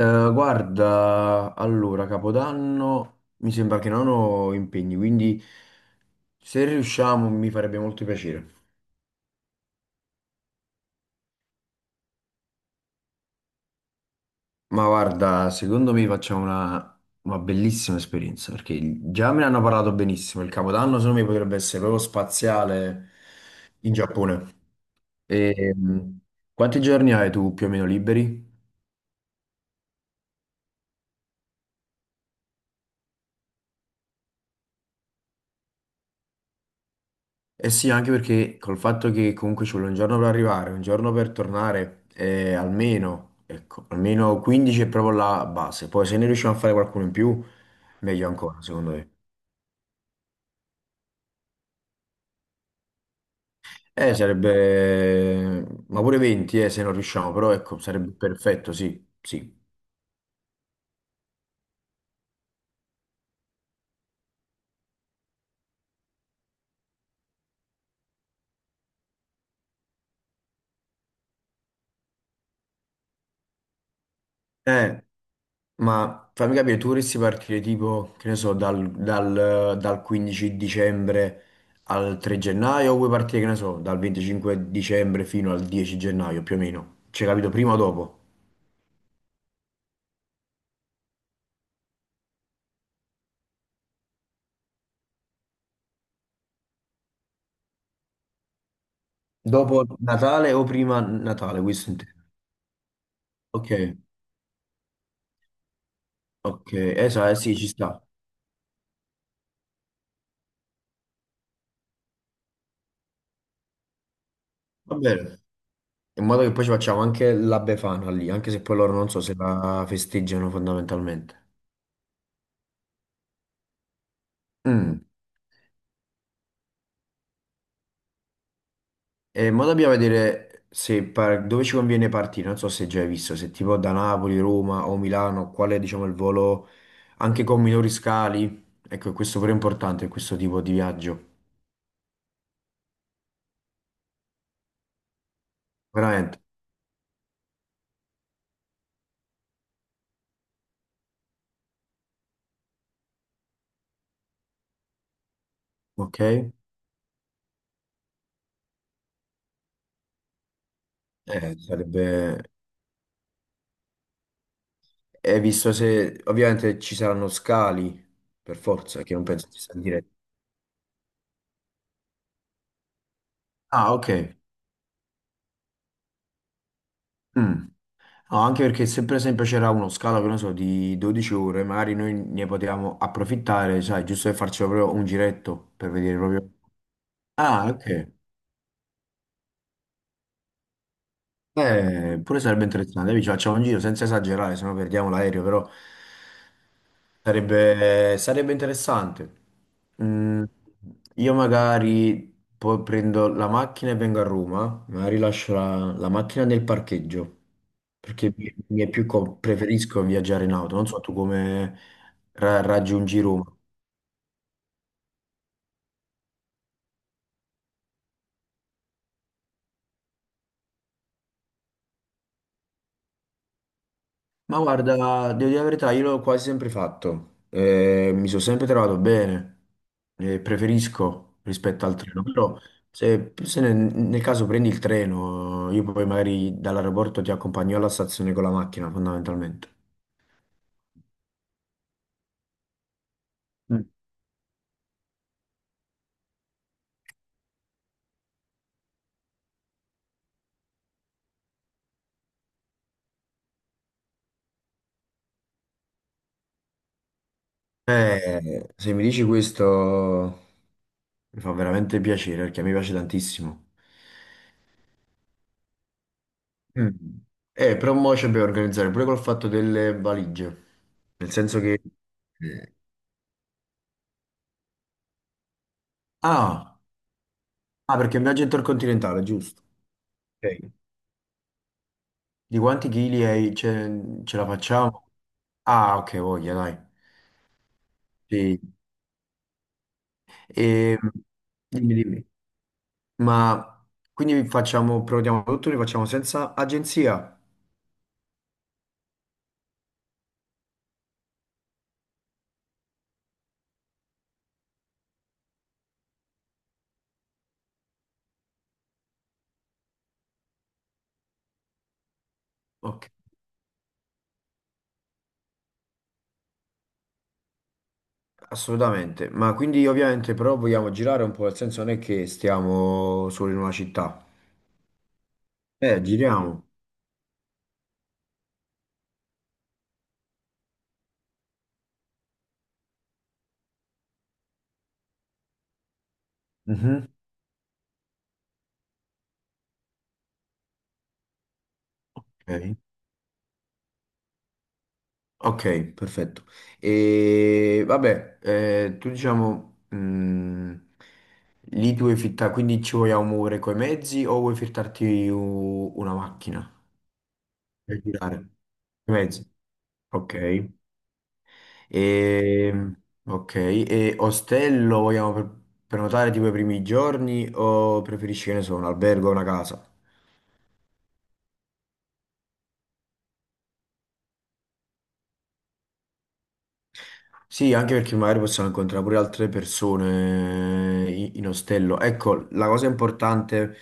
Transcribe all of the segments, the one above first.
Guarda, allora, Capodanno mi sembra che non ho impegni, quindi se riusciamo mi farebbe molto piacere. Ma guarda, secondo me facciamo una bellissima esperienza, perché già me ne hanno parlato benissimo. Il Capodanno secondo me potrebbe essere proprio spaziale in Giappone. E, quanti giorni hai tu più o meno liberi? Eh sì, anche perché col fatto che comunque ci vuole un giorno per arrivare, un giorno per tornare, almeno, ecco, almeno 15 è proprio la base. Poi se ne riusciamo a fare qualcuno in più, meglio ancora, secondo me. Sarebbe, ma pure 20, se non riusciamo, però ecco, sarebbe perfetto, sì, sì. Eh, ma fammi capire, tu vorresti partire tipo, che ne so, dal 15 dicembre al 3 gennaio, o vuoi partire, che ne so, dal 25 dicembre fino al 10 gennaio più o meno? Cioè, capito, prima o dopo? Dopo Natale o prima Natale, questo intendo. Ok, ok, esatto, sì, ci sta. Va bene. In modo che poi ci facciamo anche la Befana lì, anche se poi loro non so se la festeggiano fondamentalmente. Mm. E mo dobbiamo vedere se dove ci conviene partire. Non so se già hai visto, se tipo da Napoli, Roma o Milano, qual è diciamo il volo anche con minori scali. Ecco, questo pure è importante, questo tipo di viaggio. Veramente, ok? Sarebbe... E visto se ovviamente ci saranno scali, per forza, che non penso ci sia diretto. Ah, ok. Mm. No, anche perché se per esempio c'era uno scalo, che non so, di 12 ore, magari noi ne potevamo approfittare, sai, giusto per farci proprio un giretto per vedere proprio. Ah, ok. Pure sarebbe interessante. Dai, ci facciamo un giro senza esagerare, se no perdiamo l'aereo, però sarebbe interessante. Mm, io magari poi prendo la macchina e vengo a Roma, magari lascio la macchina nel parcheggio, perché mi è più preferisco viaggiare in auto. Non so tu come raggiungi Roma. Ma guarda, devo dire la verità, io l'ho quasi sempre fatto, eh, mi sono sempre trovato bene, eh, preferisco rispetto al treno, però se, nel caso prendi il treno, io poi magari dall'aeroporto ti accompagno alla stazione con la macchina, fondamentalmente. Mm. Se mi dici questo mi fa veramente piacere perché mi piace tantissimo. Mm. Però mo ci dobbiamo organizzare pure col fatto delle valigie, nel senso che... eh, Ah! Ah, perché è un viaggio intercontinentale, giusto. Ok. Di quanti chili ce, ce la facciamo? Ah, ok, voglia, dai. Sì. E, dimmi, dimmi. Ma quindi facciamo, prenotiamo tutto, li facciamo senza agenzia? Ok, assolutamente. Ma quindi ovviamente però vogliamo girare un po', nel senso non è che stiamo solo in una città. Giriamo. Mhm. Ok. Ok, perfetto. E vabbè, tu diciamo, lì tu vuoi fittare, quindi ci vogliamo muovere coi mezzi o vuoi fittarti una macchina? Per girare. I mezzi. Ok. E, ok, e ostello vogliamo prenotare tipo i primi giorni o preferisci, che ne so, un albergo o una casa? Sì, anche perché magari possiamo incontrare pure altre persone in ostello. Ecco, la cosa importante,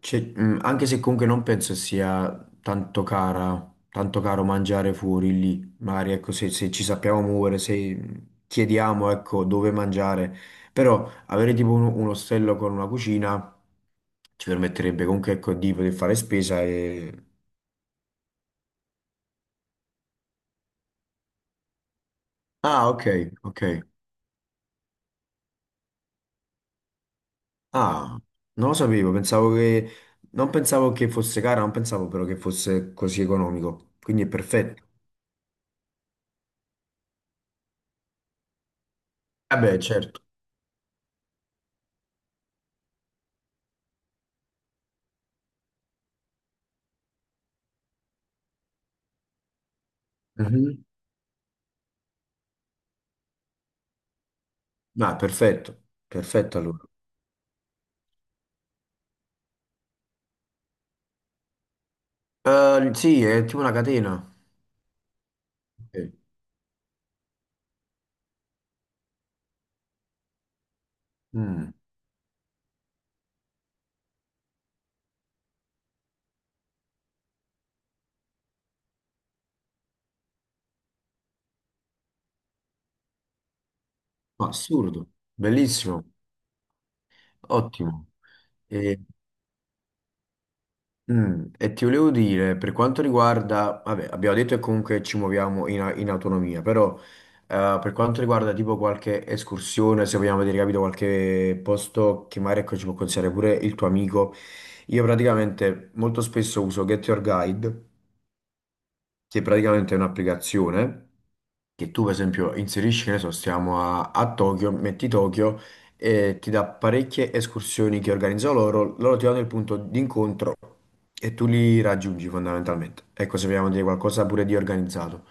anche se comunque non penso sia tanto cara, tanto caro mangiare fuori lì, magari ecco, se, se ci sappiamo muovere, se chiediamo ecco, dove mangiare, però avere tipo un ostello con una cucina ci permetterebbe comunque ecco, di poter fare spesa e... Ah, ok, ok. Ah, non lo sapevo, pensavo che... Non pensavo che fosse cara, non pensavo però che fosse così economico. Quindi è perfetto. Vabbè, certo. Mhm. Ah, perfetto. Perfetto allora. Sì, è tipo una catena. Ok. Mm. Assurdo. Bellissimo. Ottimo. Mm, e ti volevo dire, per quanto riguarda, vabbè, abbiamo detto che comunque ci muoviamo in autonomia, però per quanto riguarda tipo qualche escursione, se vogliamo vedere, capito, qualche posto che magari ecco, ci può consigliare pure il tuo amico, io praticamente molto spesso uso Get Your Guide, che praticamente è un'applicazione che tu, per esempio, inserisci, che ne so, stiamo a Tokyo, metti Tokyo e ti dà parecchie escursioni che organizzano loro, loro ti danno il punto d'incontro e tu li raggiungi fondamentalmente. Ecco, se vogliamo dire qualcosa pure di organizzato.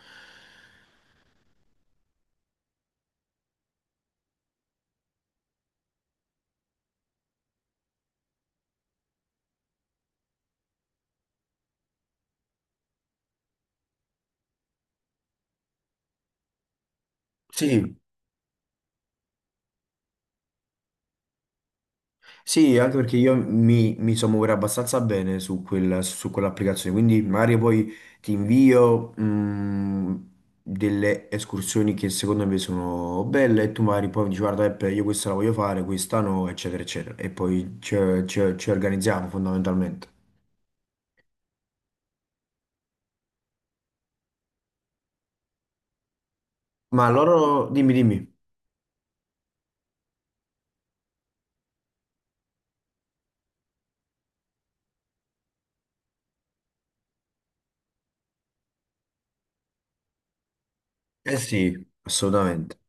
Sì, sì, anche perché io mi so muovere abbastanza bene su su quell'applicazione, quindi magari poi ti invio delle escursioni che secondo me sono belle e tu magari poi mi dici guarda Peppe, io questa la voglio fare, questa no, eccetera, eccetera. E poi ci, ci organizziamo fondamentalmente. Ma loro, dimmi, dimmi. Eh sì, assolutamente.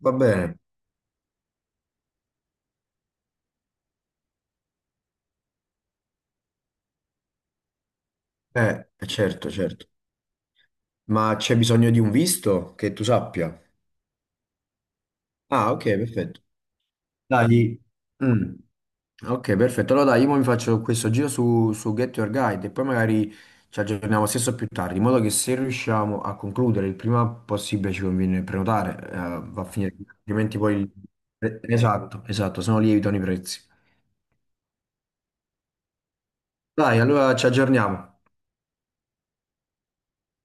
Va bene. Certo, certo. Ma c'è bisogno di un visto che tu sappia. Ah, ok, perfetto. Dai. Mm. Ok, perfetto. Allora dai, io mo mi faccio questo giro su, su Get Your Guide e poi magari ci aggiorniamo stesso più tardi, in modo che se riusciamo a concludere il prima possibile ci conviene prenotare, va a finire, altrimenti poi... Esatto, esatto, se no lievitano i prezzi. Dai, allora ci aggiorniamo.